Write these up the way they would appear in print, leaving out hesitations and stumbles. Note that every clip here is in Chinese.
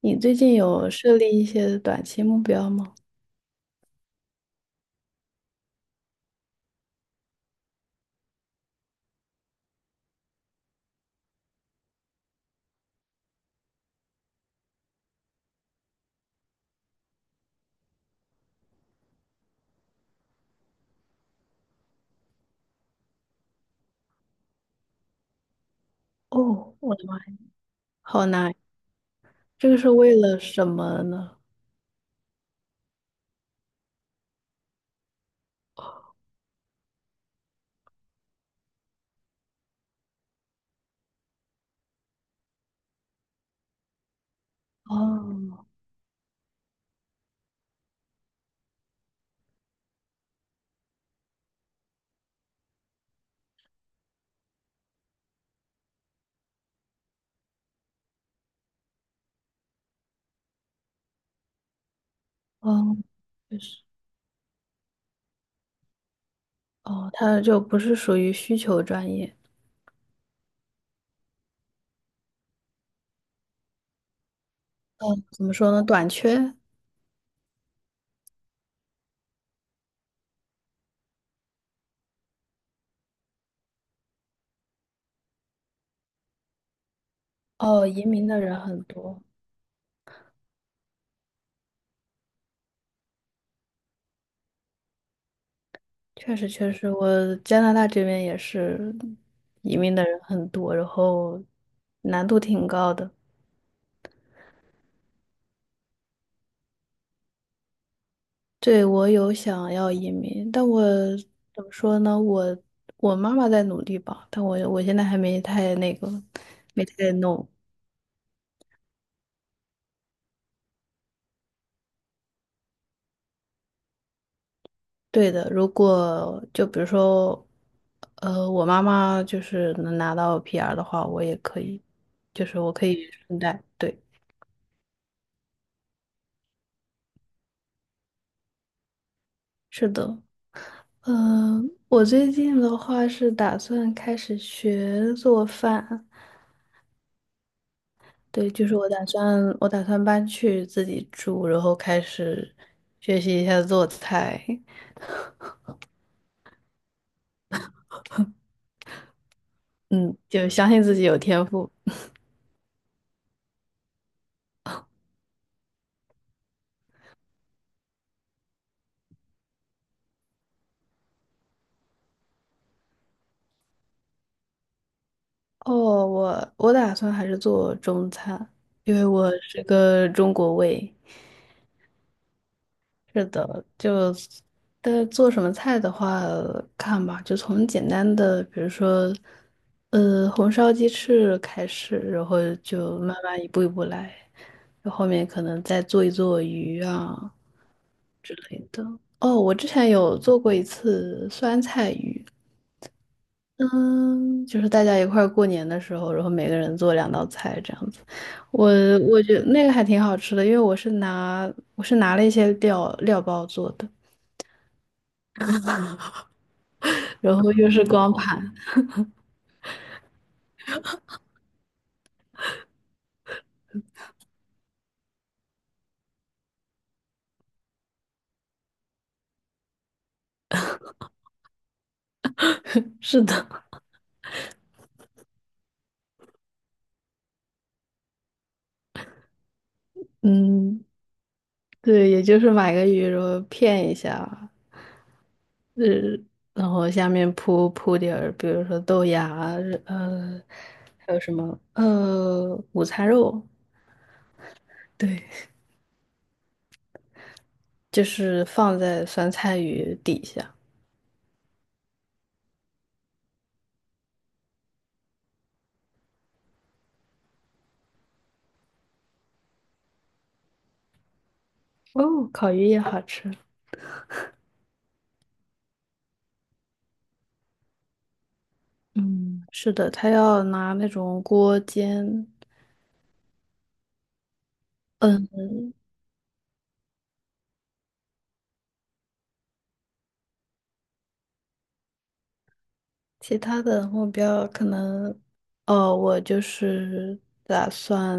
你最近有设立一些短期目标吗？哦，我的妈呀！好难，这个是为了什么呢？哦，哦，就是，哦，它就不是属于需求专业。嗯，怎么说呢？短缺。哦，移民的人很多，确实确实，我加拿大这边也是移民的人很多，然后难度挺高的。对，我有想要移民，但我怎么说呢？我妈妈在努力吧，但我现在还没太那个，没太弄。对的，如果就比如说，我妈妈就是能拿到 PR 的话，我也可以，就是我可以顺带。对，是的，嗯、我最近的话是打算开始学做饭。对，就是我打算，我打算搬去自己住，然后开始学习一下做菜。嗯，就相信自己有天赋。哦，我打算还是做中餐，因为我是个中国胃。是的，就但做什么菜的话，看吧，就从简单的，比如说，红烧鸡翅开始，然后就慢慢一步一步来，然后后面可能再做一做鱼啊之类的。哦，我之前有做过一次酸菜鱼，嗯，就是大家一块儿过年的时候，然后每个人做2道菜这样子。我我觉得那个还挺好吃的，因为我是拿了一些料包做的。然后又是光盘。是的，嗯，对，也就是买个鱼，肉片一下，呃，然后下面铺铺点儿，比如说豆芽啊，呃，还有什么，午餐肉，对，就是放在酸菜鱼底下。哦，烤鱼也好吃。嗯，是的，他要拿那种锅煎。嗯。其他的目标可能，哦，我就是打算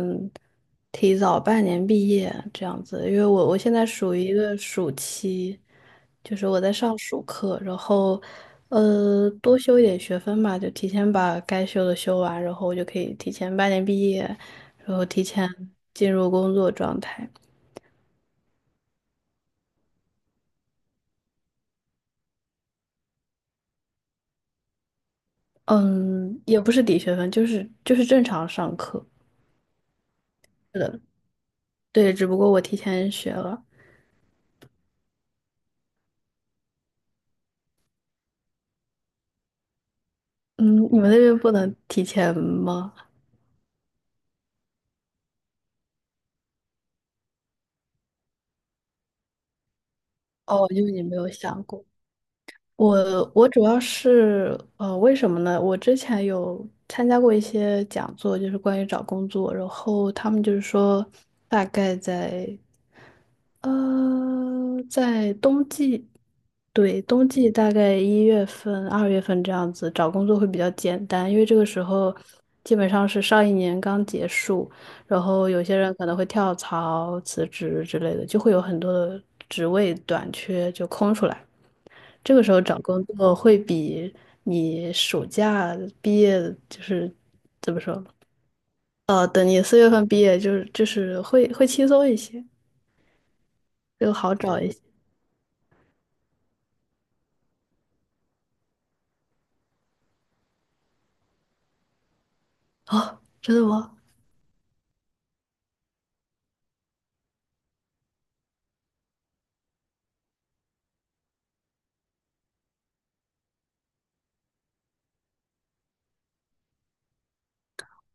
提早半年毕业这样子，因为我现在属于一个暑期，就是我在上暑课，然后多修一点学分吧，就提前把该修的修完，然后我就可以提前半年毕业，然后提前进入工作状态。嗯，也不是抵学分，就是正常上课。是的，对，只不过我提前学了。嗯，你们那边不能提前吗？哦，因为你没有想过。我主要是为什么呢？我之前有参加过一些讲座，就是关于找工作，然后他们就是说，大概在冬季，对，冬季大概1月份、2月份这样子找工作会比较简单，因为这个时候基本上是上一年刚结束，然后有些人可能会跳槽、辞职之类的，就会有很多的职位短缺就空出来。这个时候找工作会比你暑假毕业就是怎么说？等你4月份毕业，就是会轻松一些，就好找一些。哦，真的吗？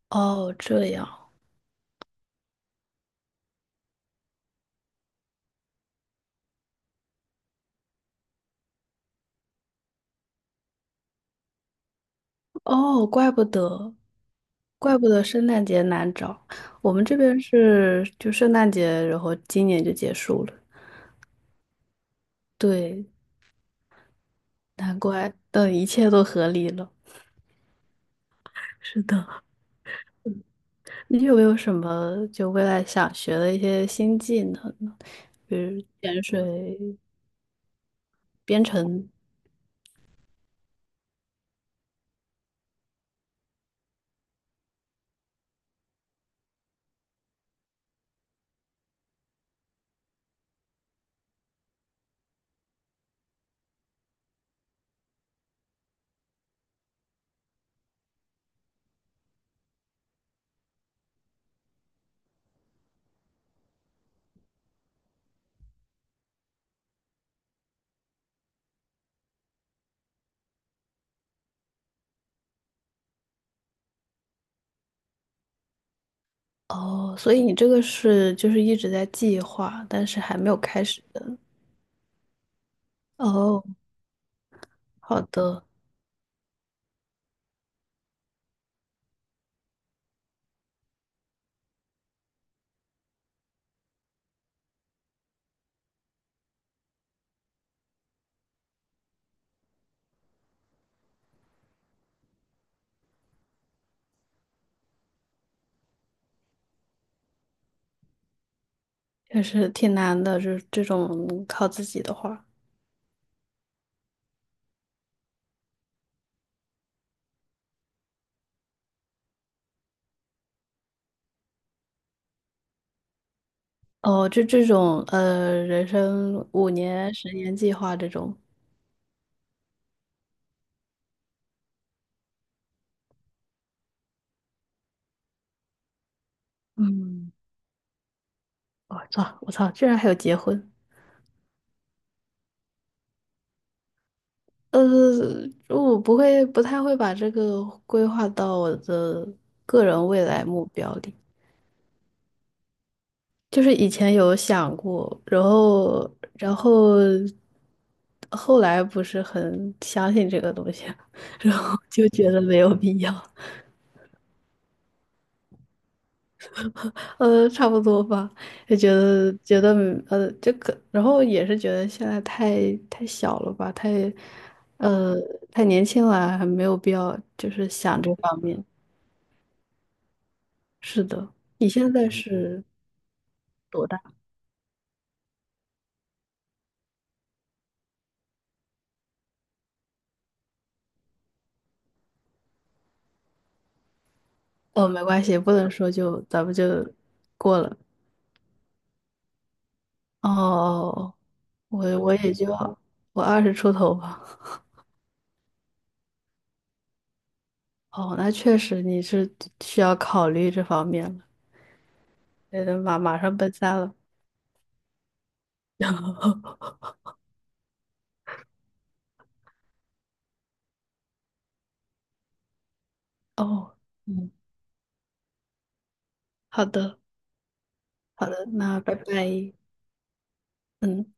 哦，这样，哦，怪不得，怪不得圣诞节难找。我们这边是就圣诞节，然后今年就结束了。对，难怪，等一切都合理了。是的，你有没有什么就未来想学的一些新技能呢？比如潜水、编程。哦，所以你这个是就是一直在计划，但是还没有开始的。哦，好的，确实挺难的，就是这种靠自己的话。哦，就这种人生5年、10年计划这种。嗯，我操，我操，居然还有结婚。呃，我不会，不太会把这个规划到我的个人未来目标里。就是以前有想过，然后，后来不是很相信这个东西，然后就觉得没有必要。差不多吧，就觉得这个，然后也是觉得现在太小了吧，呃太年轻了，还没有必要就是想这方面。是的，你现在是多大？哦，没关系，不能说就咱们就过了。哦，我也就我二十出头吧。哦，那确实你是需要考虑这方面了，得马上奔三了。哦，嗯，好的。好的，那拜拜。嗯。